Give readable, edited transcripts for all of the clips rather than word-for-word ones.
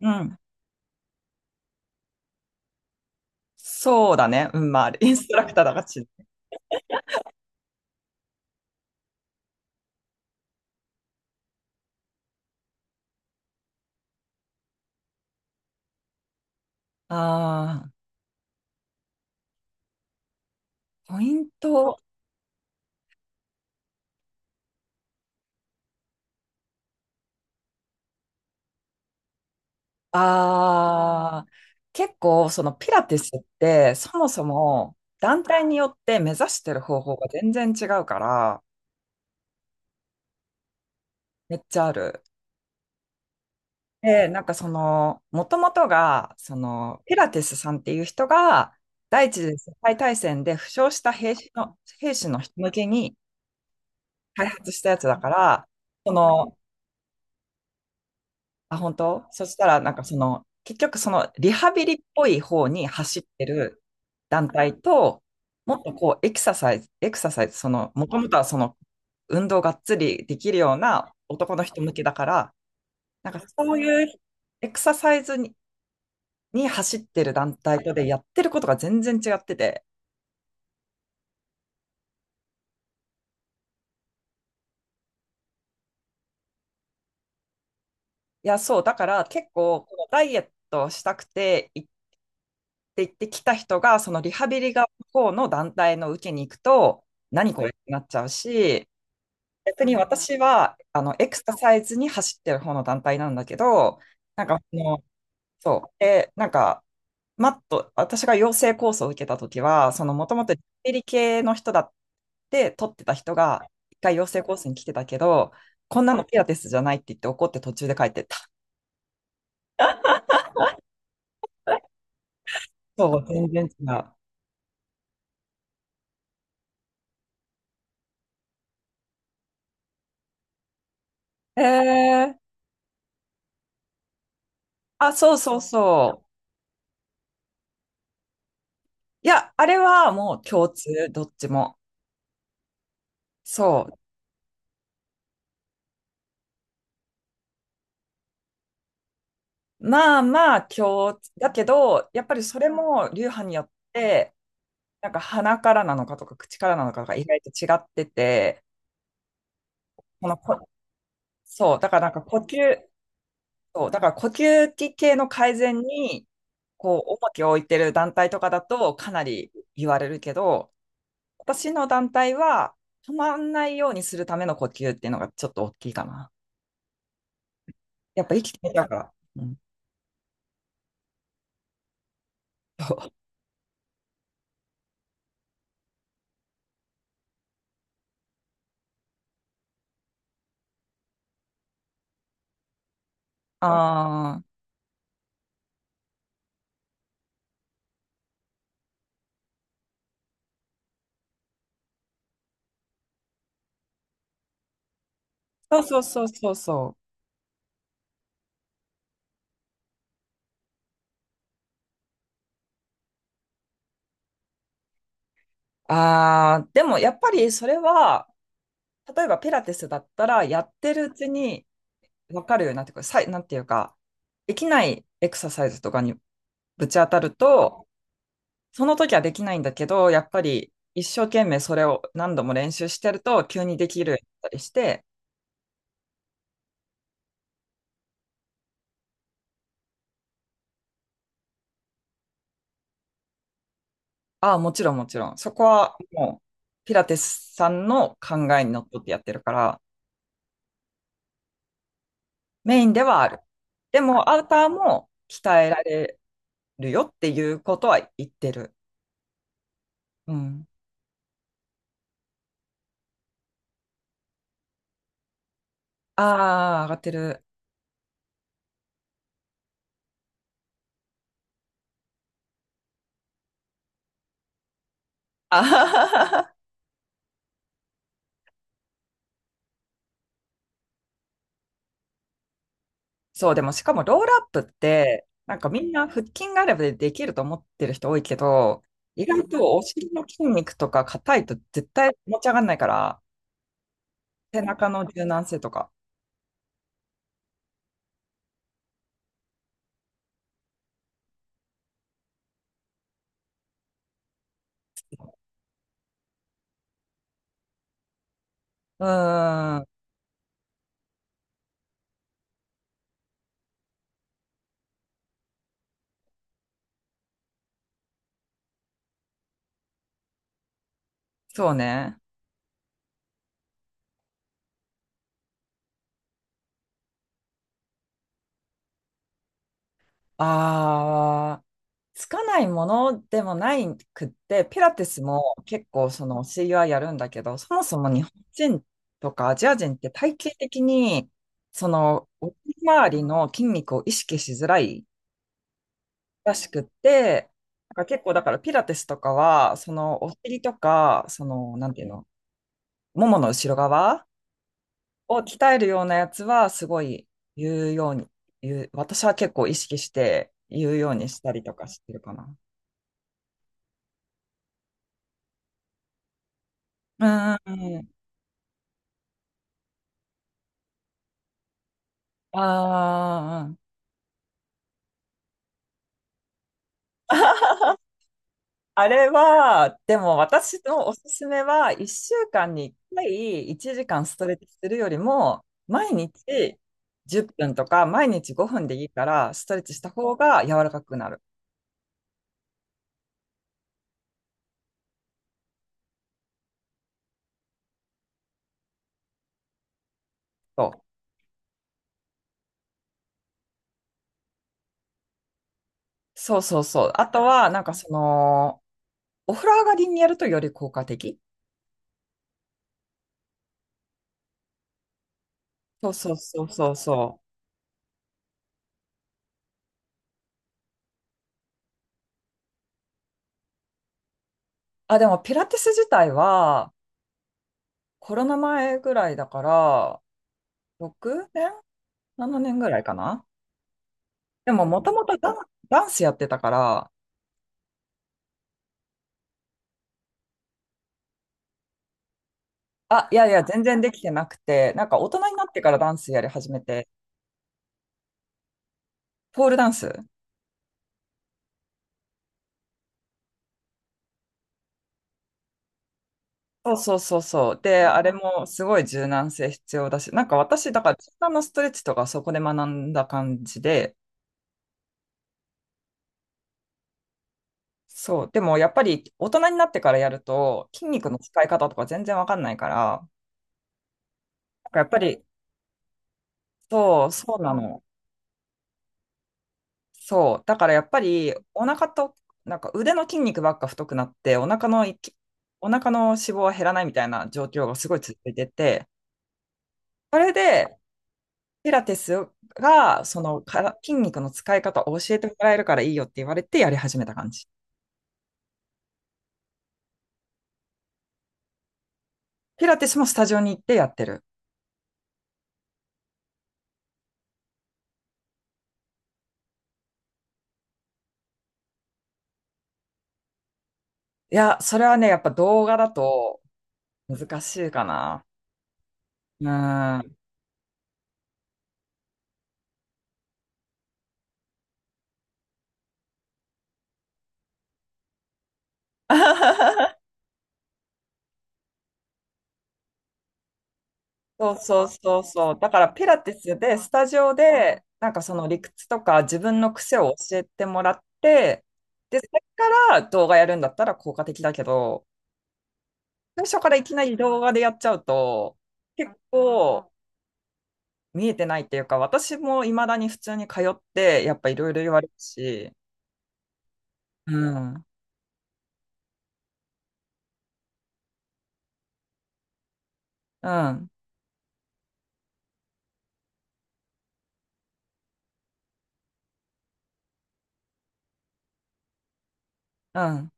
うん。そうだね。インストラクターだからち。ああ、ポイント。ああ、結構、ピラティスって、そもそも団体によって目指してる方法が全然違うから、めっちゃある。で、なんかその、もともとが、ピラティスさんっていう人が、第一次世界大戦で負傷した兵士の人向けに開発したやつだから、その、本当そしたら、結局そのリハビリっぽい方に走ってる団体と、もっとこうエクササイズ、もともとはその、運動がっつりできるような男の人向けだから、なんかそういうエクササイズに走ってる団体とでやってることが全然違ってて、だから結構、このダイエットをしたくて行ってきた人が、そのリハビリが方の団体の受けに行くと、何これってなっちゃうし、逆に私はあのエクササイズに走ってる方の団体なんだけど、なんかその、そう、で、なんか、マット、私が養成コースを受けたときは、そのもともとリハビリ系の人だって取ってた人が、一回養成コースに来てたけど、こんなのピラティスじゃないって言って怒って途中で帰ってった。そう、全然違う。へえ。あ、そうそうそう。いや、あれはもう共通、どっちも。そう。まあまあ共日だけど、やっぱりそれも流派によって、なんか鼻からなのかとか口からなのかが意外と違ってて、このこ、そう、だからなんか呼吸、そう、だから呼吸器系の改善に、こう、重きを置いてる団体とかだとかなり言われるけど、私の団体は止まんないようにするための呼吸っていうのがちょっと大きいかな。やっぱ生きてみたから。うん、そう。ああ、そうそうそうそうそう。ああ、でもやっぱりそれは、例えばピラティスだったら、やってるうちに分かるようになってくる。なんていうか、できないエクササイズとかにぶち当たると、その時はできないんだけど、やっぱり一生懸命それを何度も練習してると、急にできるようになったりして、ああ、もちろんもちろん。そこはもう、ピラティスさんの考えにのっとってやってるから、メインではある。でも、アウターも鍛えられるよっていうことは言ってる。うん。ああ、上がってる。あはは。そう、でもしかもロールアップって、なんかみんな腹筋があればできると思ってる人多いけど、意外とお尻の筋肉とか硬いと絶対持ち上がんないから、背中の柔軟性とか。うーん、そうね。ああ。つかないものでもないくって、ピラティスも結構その教えはやるんだけど、そもそも日本人とかアジア人って体型的に、その、お尻周りの筋肉を意識しづらいらしくって、なんか結構だからピラティスとかは、そのお尻とか、その、なんていうの、ももの後ろ側を鍛えるようなやつはすごい言うように、言う、私は結構意識して言うようにしたりとかしてるかな。うんうんうん、あー。 あれは、でも私のおすすめは、1週間に1回1時間ストレッチするよりも、毎日10分とか、毎日5分でいいから、ストレッチした方が柔らかくなる。そうそうそうそう。あとは、なんかその、お風呂上がりにやるとより効果的。そうそうそうそうそう。あ、でもピラティス自体は、コロナ前ぐらいだから、6年 ?7 年ぐらいかな。でも、もともとダンスやってたから、あ、いやいや、全然できてなくて、なんか大人になってからダンスやり始めて、ポールダンス。そうそうそうそう。で、あれもすごい柔軟性必要だし、なんか私、だから柔軟のストレッチとかそこで学んだ感じで、そう。でもやっぱり大人になってからやると筋肉の使い方とか全然わかんないから、なんかやっぱり、そう、そうなの。そう。だからやっぱり、お腹と、なんか腕の筋肉ばっか太くなって、お腹の脂肪は減らないみたいな状況がすごい続いてて、それで、ピラティスが、そのから筋肉の使い方を教えてもらえるからいいよって言われてやり始めた感じ。ピラティスもスタジオに行ってやってる。いや、それはね、やっぱ動画だと難しいかな。うーん。そうそうそうそう。だからピラティスで、スタジオで、なんかその理屈とか自分の癖を教えてもらって、で、それから動画やるんだったら効果的だけど、最初からいきなり動画でやっちゃうと、結構見えてないっていうか、私も未だに普通に通って、やっぱいろいろ言われるし、うん、うん、うん。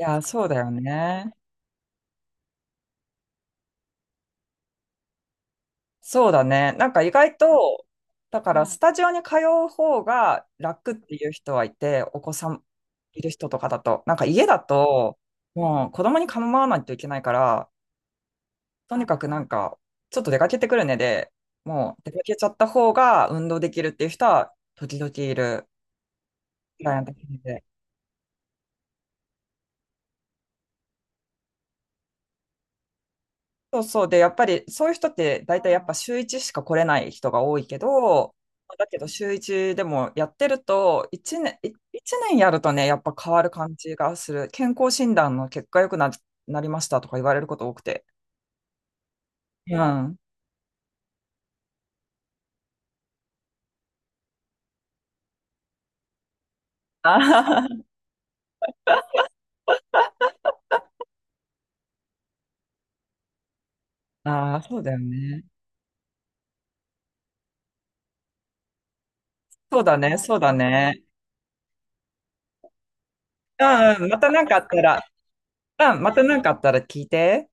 いや、そうだよね。そうだね。なんか意外と、だかうらスん。スタジオに通う方が楽っていう人はいて、お子さんいる人とかだと、なんか家だと、もう子供に構わないといけないから、とにかくなんか、ちょっと出かけてくるねで、もう出かけちゃった方が運動できるっていう人は時々いる。クライアントさんで、そうそう、で、やっぱりそういう人って大体やっぱ週1しか来れない人が多いけど、だけど週1でもやってると、1年、い一年やるとね、やっぱ変わる感じがする。健康診断の結果良くなりましたとか言われること多くて。うん。ああ、ああそうだよね。そうだね、そうだね。うん、うん。またなんかあったら、うん、またなんかあったら聞いて。